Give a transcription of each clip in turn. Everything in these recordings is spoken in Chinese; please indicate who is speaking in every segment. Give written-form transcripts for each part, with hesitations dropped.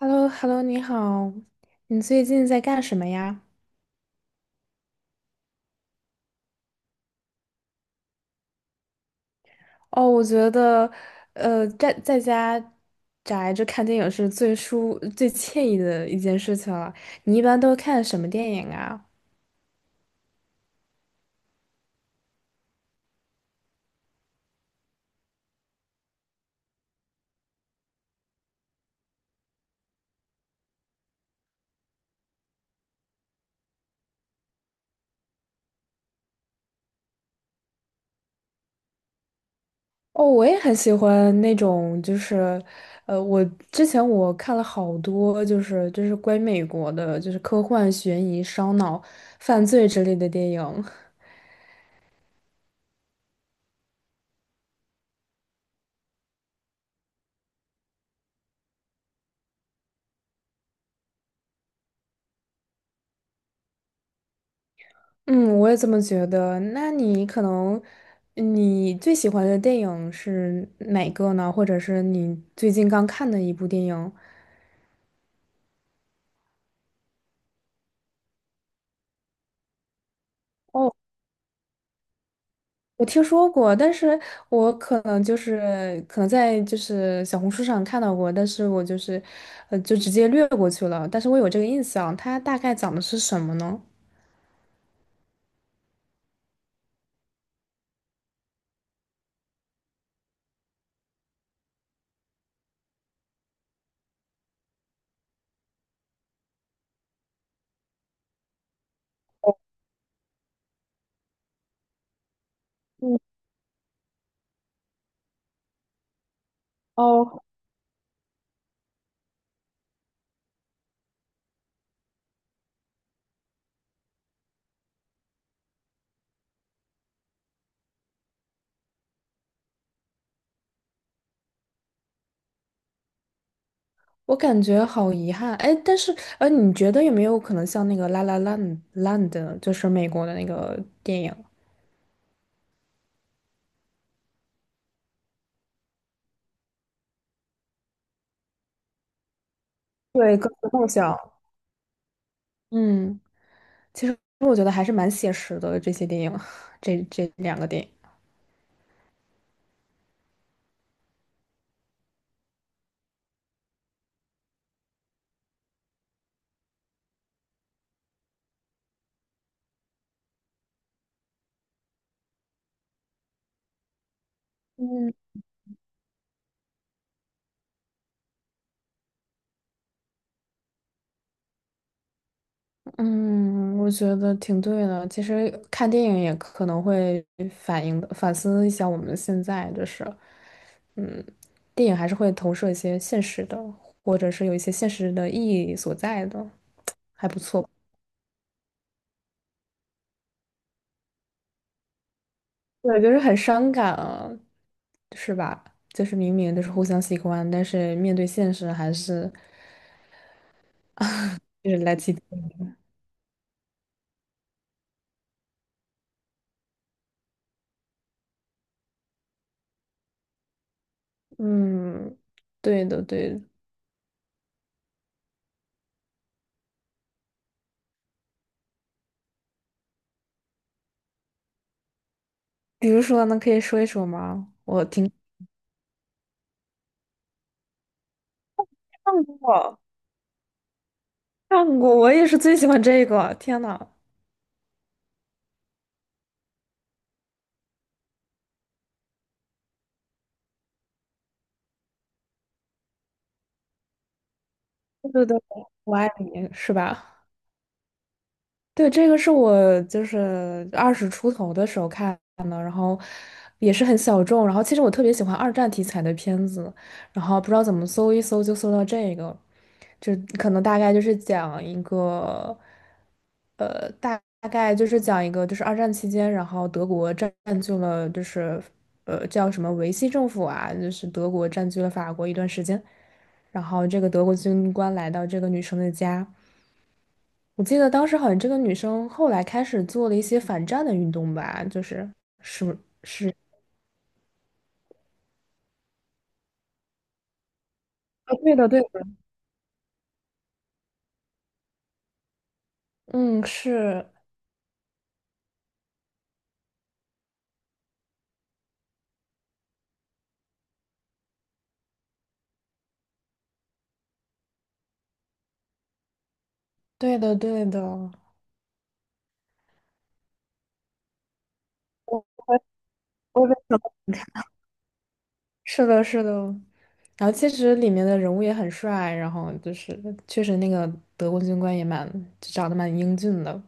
Speaker 1: h e l l o h e l l o 你好，你最近在干什么呀？哦，我觉得，在家宅着看电影是最舒、最惬意的一件事情了。你一般都看什么电影啊？哦，我也很喜欢那种，就是，我之前看了好多，就是关于美国的，就是科幻、悬疑、烧脑、犯罪之类的电影。嗯，我也这么觉得。那你可能，你最喜欢的电影是哪个呢？或者是你最近刚看的一部电影？哦，我听说过，但是我可能在就是小红书上看到过，但是我就是，就直接略过去了。但是我有这个印象，它大概讲的是什么呢？嗯，哦，我感觉好遗憾，哎，但是，你觉得有没有可能像那个《La La Land》，就是美国的那个电影？对，各自梦想。嗯，其实我觉得还是蛮写实的，这些电影，这2个电影。嗯嗯，我觉得挺对的。其实看电影也可能会反映的，反思一下我们现在就是，嗯，电影还是会投射一些现实的，或者是有一些现实的意义所在的，还不错。对，就是很伤感啊，是吧？就是明明就是互相喜欢，但是面对现实还是就是来。嗯，对的对的。比如说呢，可以说一说吗？看过，看过，我也是最喜欢这个。天呐，对对对，我爱你是吧？对，这个是我就是二十出头的时候看的，然后也是很小众。然后其实我特别喜欢二战题材的片子，然后不知道怎么搜一搜就搜到这个，就可能大概就是讲一个，大概就是讲一个就是二战期间，然后德国占据了就是叫什么维希政府啊，就是德国占据了法国一段时间，然后这个德国军官来到这个女生的家。我记得当时好像这个女生后来开始做了一些反战的运动吧，就是是是，啊，对的，对的，嗯，是对的，对的，我我是的，是的。然后其实里面的人物也很帅，然后就是确实那个德国军官也蛮长得蛮英俊的。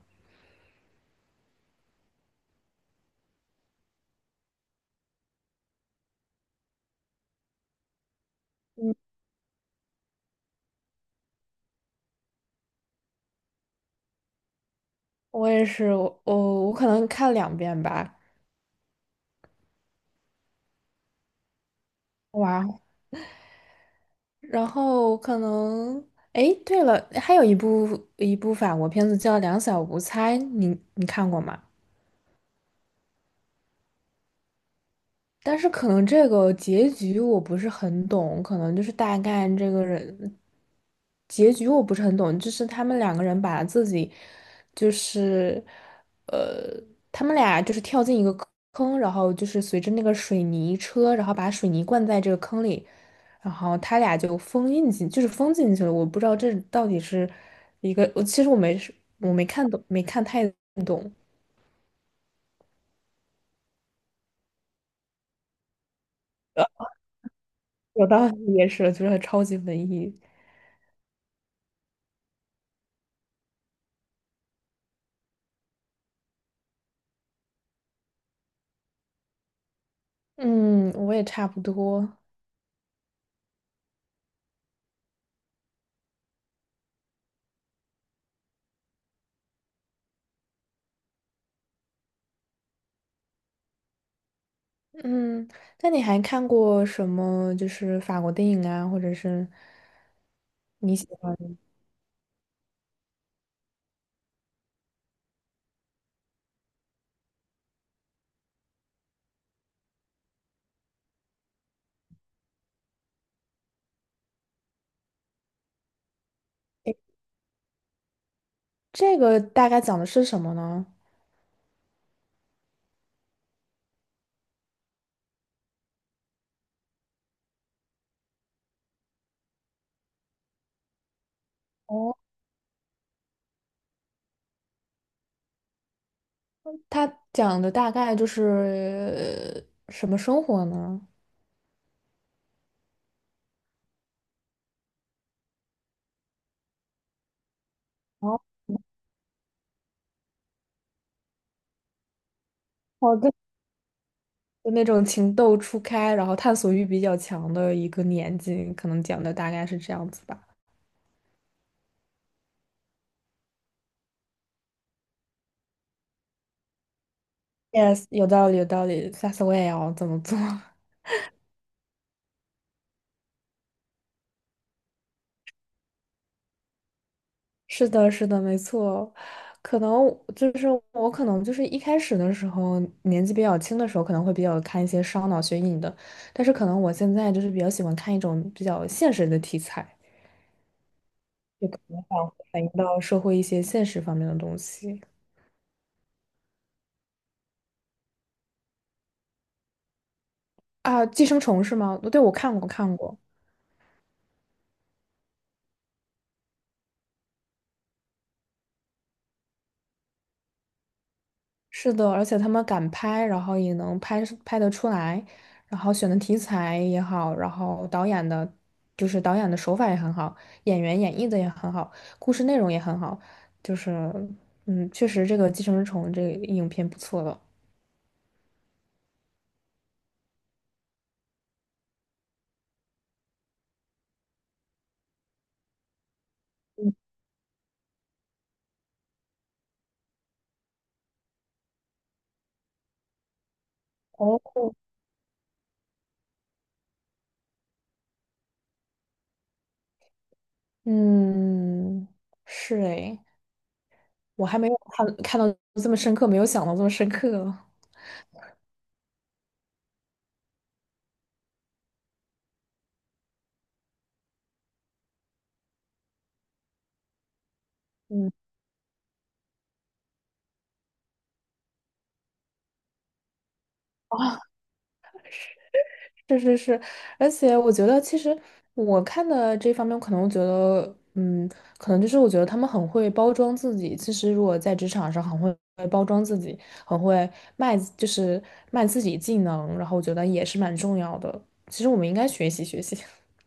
Speaker 1: 嗯，我也是，我可能看2遍吧，哇，然后可能，哎，对了，还有一部法国片子叫《两小无猜》，你看过吗？但是可能这个结局我不是很懂，可能就是大概这个人结局我不是很懂，就是他们2个人把自己就是呃，他们俩就是跳进一个坑，然后就是随着那个水泥车，然后把水泥灌在这个坑里，然后他俩就封印进，就是封进去了。我不知道这到底是一个，我其实我没我没看懂，没看太懂，我道理也是，就是超级文艺。嗯，我也差不多。嗯，那你还看过什么？就是法国电影啊，或者是你喜欢？诶，这个大概讲的是什么呢？哦，它讲的大概就是什么生活呢？哦，好的，就那种情窦初开，然后探索欲比较强的一个年纪，可能讲的大概是这样子吧。Yes，有道理，有道理。下次我也要这么做。是的，是的，没错。可能可能就是一开始的时候，年纪比较轻的时候，可能会比较看一些烧脑悬疑的，但是可能我现在就是比较喜欢看一种比较现实的题材，就可能反映到社会一些现实方面的东西啊，《寄生虫》是吗？对，我看过，看过。是的，而且他们敢拍，然后也能拍是拍得出来，然后选的题材也好，然后导演的，就是导演的手法也很好，演员演绎的也很好，故事内容也很好，就是，嗯，确实这个《寄生虫》这个影片不错的。哦，嗯，是诶，我还没有看到这么深刻，没有想到这么深刻。嗯，啊。是是是，而且我觉得，其实我看的这方面，可能觉得，嗯，可能就是我觉得他们很会包装自己。其实，如果在职场上很会包装自己，很会卖就是卖自己技能，然后我觉得也是蛮重要的。其实我们应该学习学习。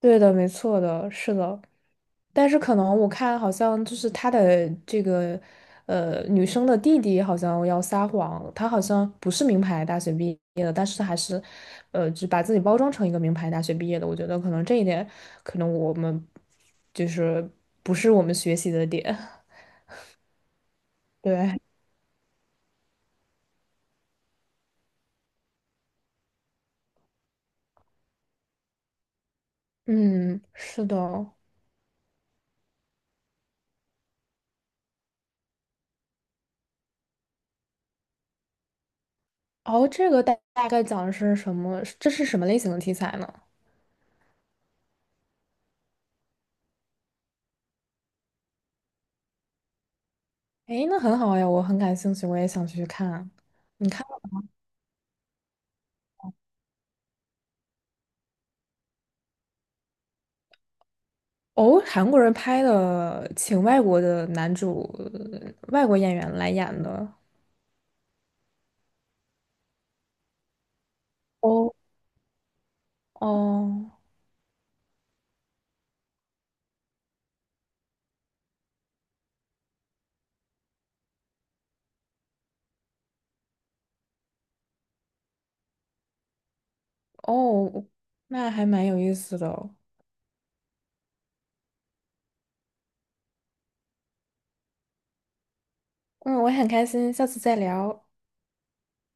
Speaker 1: 对的，没错的，是的。但是可能我看好像就是他的这个，女生的弟弟好像要撒谎，他好像不是名牌大学毕业的，但是还是，就把自己包装成一个名牌大学毕业的。我觉得可能这一点，可能我们就是不是我们学习的点。对，嗯，是的。哦，这个大概讲的是什么？这是什么类型的题材呢？诶，那很好呀，我很感兴趣，我也想去看。你看。哦，韩国人拍的，请外国的男主、外国演员来演的。哦哦哦，那还蛮有意思的哦嗯，我很开心，下次再聊。